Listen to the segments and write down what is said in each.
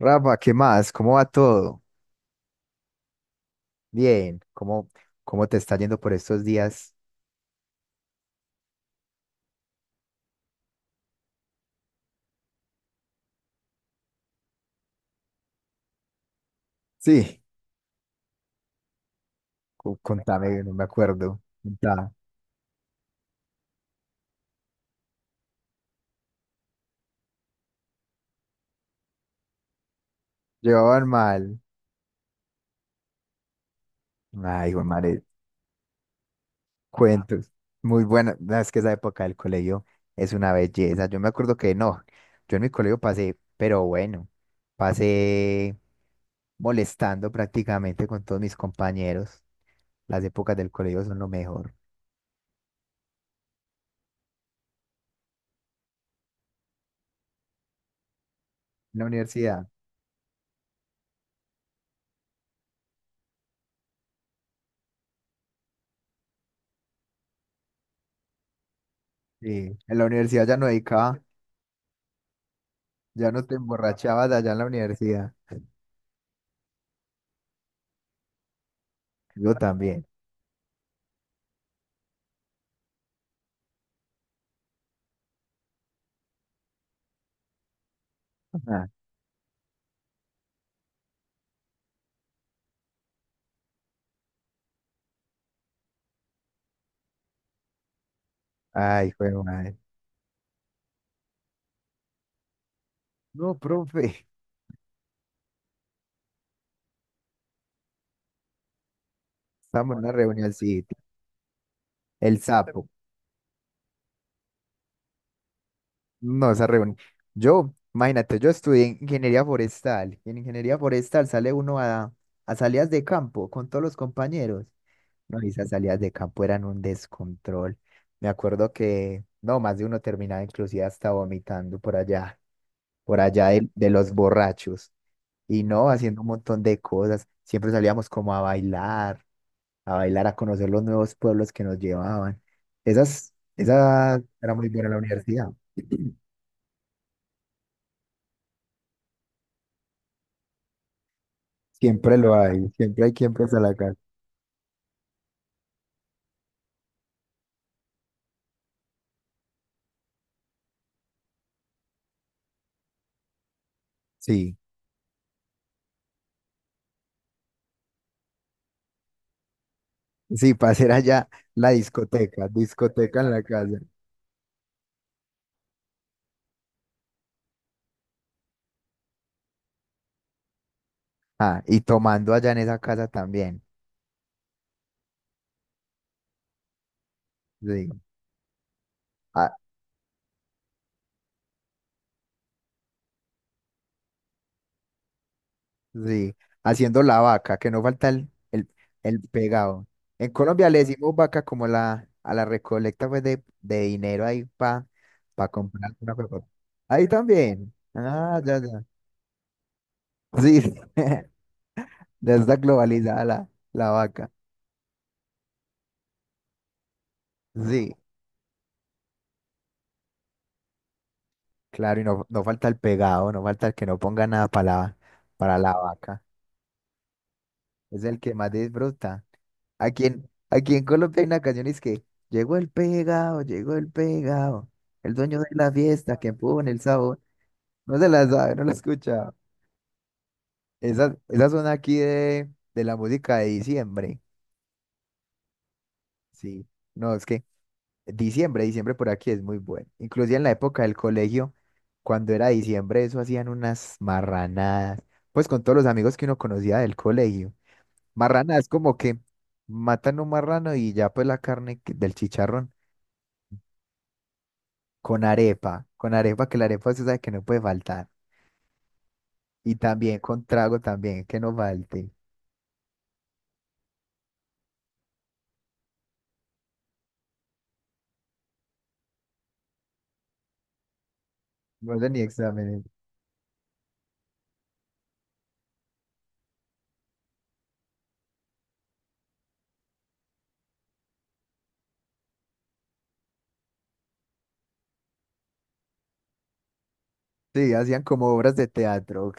Rafa, ¿qué más? ¿Cómo va todo? Bien, ¿cómo te está yendo por estos días? Sí, contame, no me acuerdo. Contá. Llevaban mal. Ay, hijo de madre, cuentos. Muy buena. No, Es que esa época del colegio es una belleza. Yo me acuerdo que no, yo en mi colegio pasé, pero bueno, pasé molestando prácticamente con todos mis compañeros. Las épocas del colegio son lo mejor. En la universidad, sí, en la universidad ya no dedicaba. Ya no te emborrachabas allá en la universidad. Yo también. Ajá. Ay, fue madre. No, profe, estamos en una reunioncita. El sapo. No, esa reunión. Yo, imagínate, yo estudié ingeniería forestal. Y en ingeniería forestal sale uno a salidas de campo con todos los compañeros. No, y esas salidas de campo eran un descontrol. Me acuerdo que, no, más de uno terminaba inclusive hasta vomitando por allá de los borrachos. Y no, haciendo un montón de cosas. Siempre salíamos como a bailar, a bailar, a conocer los nuevos pueblos que nos llevaban. Esa era muy buena la universidad. Siempre lo hay, siempre hay quien presta la casa. Sí, sí, para hacer allá la discoteca, discoteca en la casa. Ah, y tomando allá en esa casa también. Sí, ah, sí, haciendo la vaca, que no falta el pegado. En Colombia le decimos vaca como a la recolecta pues, de dinero ahí para comprar una Coca-Cola. Ahí también. Ah, ya, ya. Sí, sí. Ya está globalizada la vaca. Sí, claro, y no, no falta el pegado, no falta el que no ponga nada para la, para la vaca. Es el que más disfruta. Aquí en Colombia hay una canción es que llegó el pegado, el dueño de la fiesta que pone el sabor. No se la sabe, no la escucha. Esa zona aquí de la música de diciembre. Sí, no, es que Diciembre, diciembre por aquí es muy bueno. Inclusive en la época del colegio, cuando era diciembre, eso hacían unas marranadas, pues con todos los amigos que uno conocía del colegio. Marranadas como que matan un marrano y ya pues la carne que- del chicharrón con arepa, que la arepa usted sabe que no puede faltar. Y también con trago también, que no falte. No sé ni exámenes. Sí, hacían como obras de teatro, ok.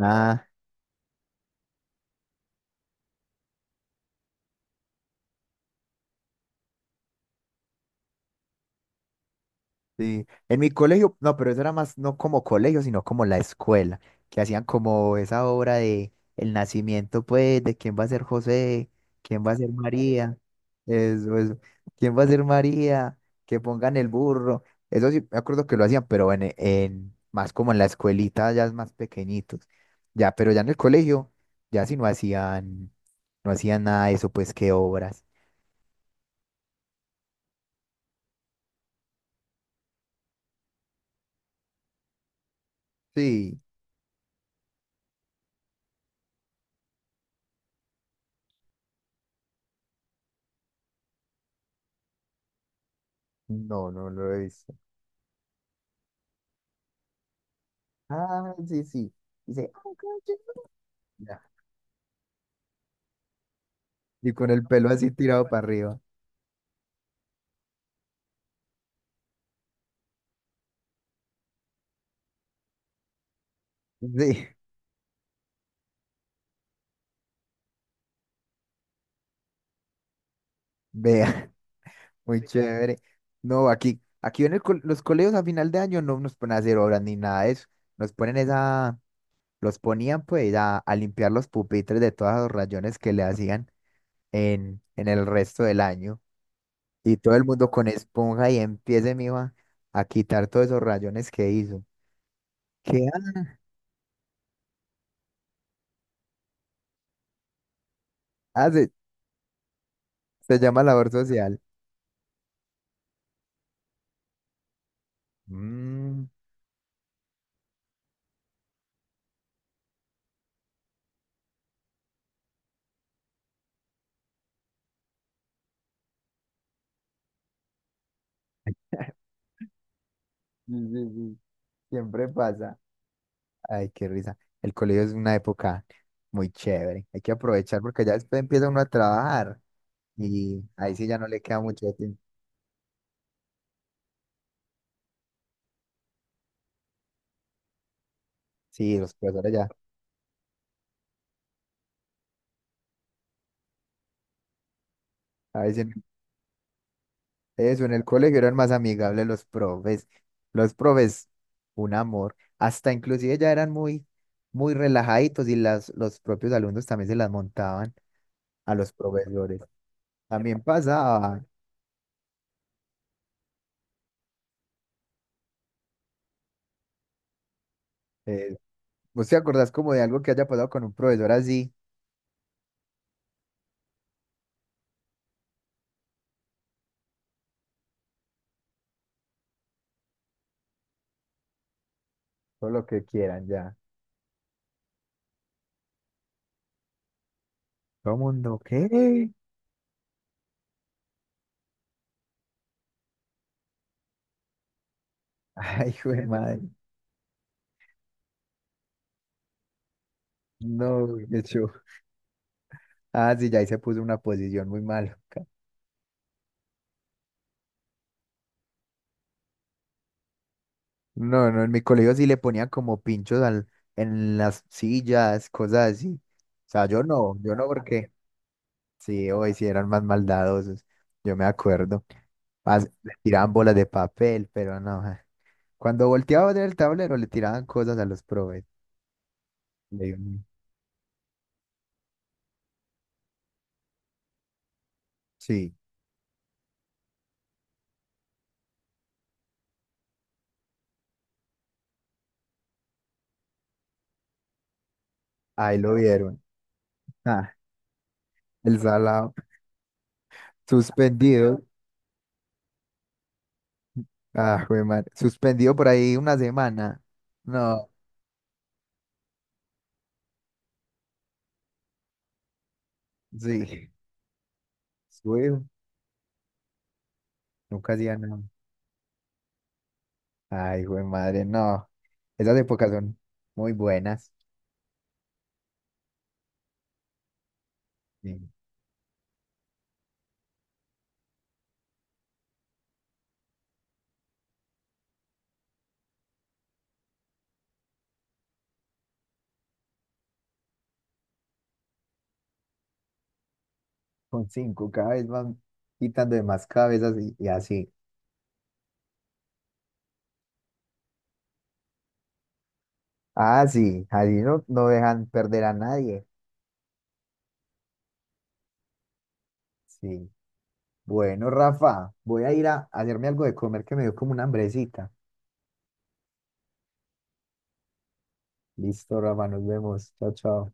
Ah, sí, en mi colegio, no, pero eso era más no como colegio, sino como la escuela, que hacían como esa obra de el nacimiento, pues, de quién va a ser José, quién va a ser María, eso, quién va a ser María, que pongan el burro, eso sí, me acuerdo que lo hacían, pero más como en la escuelita, ya es más pequeñitos, ya, pero ya en el colegio, ya sí no hacían, no hacían nada de eso, pues, qué obras. Sí, no, no lo he visto. Ah, sí, sí. Dice, "Oh, God, you-". Ya. Y con el pelo así tirado para arriba. Sí, vea, muy chévere. No, aquí, aquí en el co- los colegios a final de año no nos ponen a hacer obras ni nada de eso. Nos ponen esa, los ponían pues a limpiar los pupitres de todos los rayones que le hacían en el resto del año. Y todo el mundo con esponja y empiece, mijo, a quitar todos esos rayones que hizo. ¿Qué hace? Se llama labor social. Mm. Sí, sí, sí, siempre pasa. Ay, qué risa. El colegio es una época muy chévere. Hay que aprovechar porque ya después empieza uno a trabajar y ahí sí ya no le queda mucho tiempo. Sí, los profesores ya. A veces en- eso, en el colegio eran más amigables los profes. Los profes, un amor. Hasta inclusive ya eran muy relajaditos y los propios alumnos también se las montaban a los profesores. También pasaba. Eh, ¿Vos te acordás como de algo que haya pasado con un profesor así? Todo lo que quieran ya. ¿Cómo no? ¿Qué? Ay, güey, madre. No, qué show. Ah, sí, ya ahí se puso una posición muy maluca. No, no, en mi colegio sí le ponían como pinchos al, en las sillas, cosas así. O sea, yo no, yo no porque sí, hoy sí eran más maldadosos, yo me acuerdo. Más, le tiraban bolas de papel, pero no. Ja. Cuando volteaba del tablero le tiraban cosas a los profes. Le- sí, ahí lo vieron. Ah, el salado, suspendido. Ah, jue madre. Suspendido por ahí una semana. No, sí. Güey, nunca hacía nada. Ay, jue madre, no. Esas épocas son muy buenas. Sí. Con cinco, cada vez van quitando de más cabezas y así. Ah, sí, así no, no dejan perder a nadie. Sí. Bueno, Rafa, voy a ir a hacerme algo de comer que me dio como una hambrecita. Listo, Rafa, nos vemos. Chao, chao.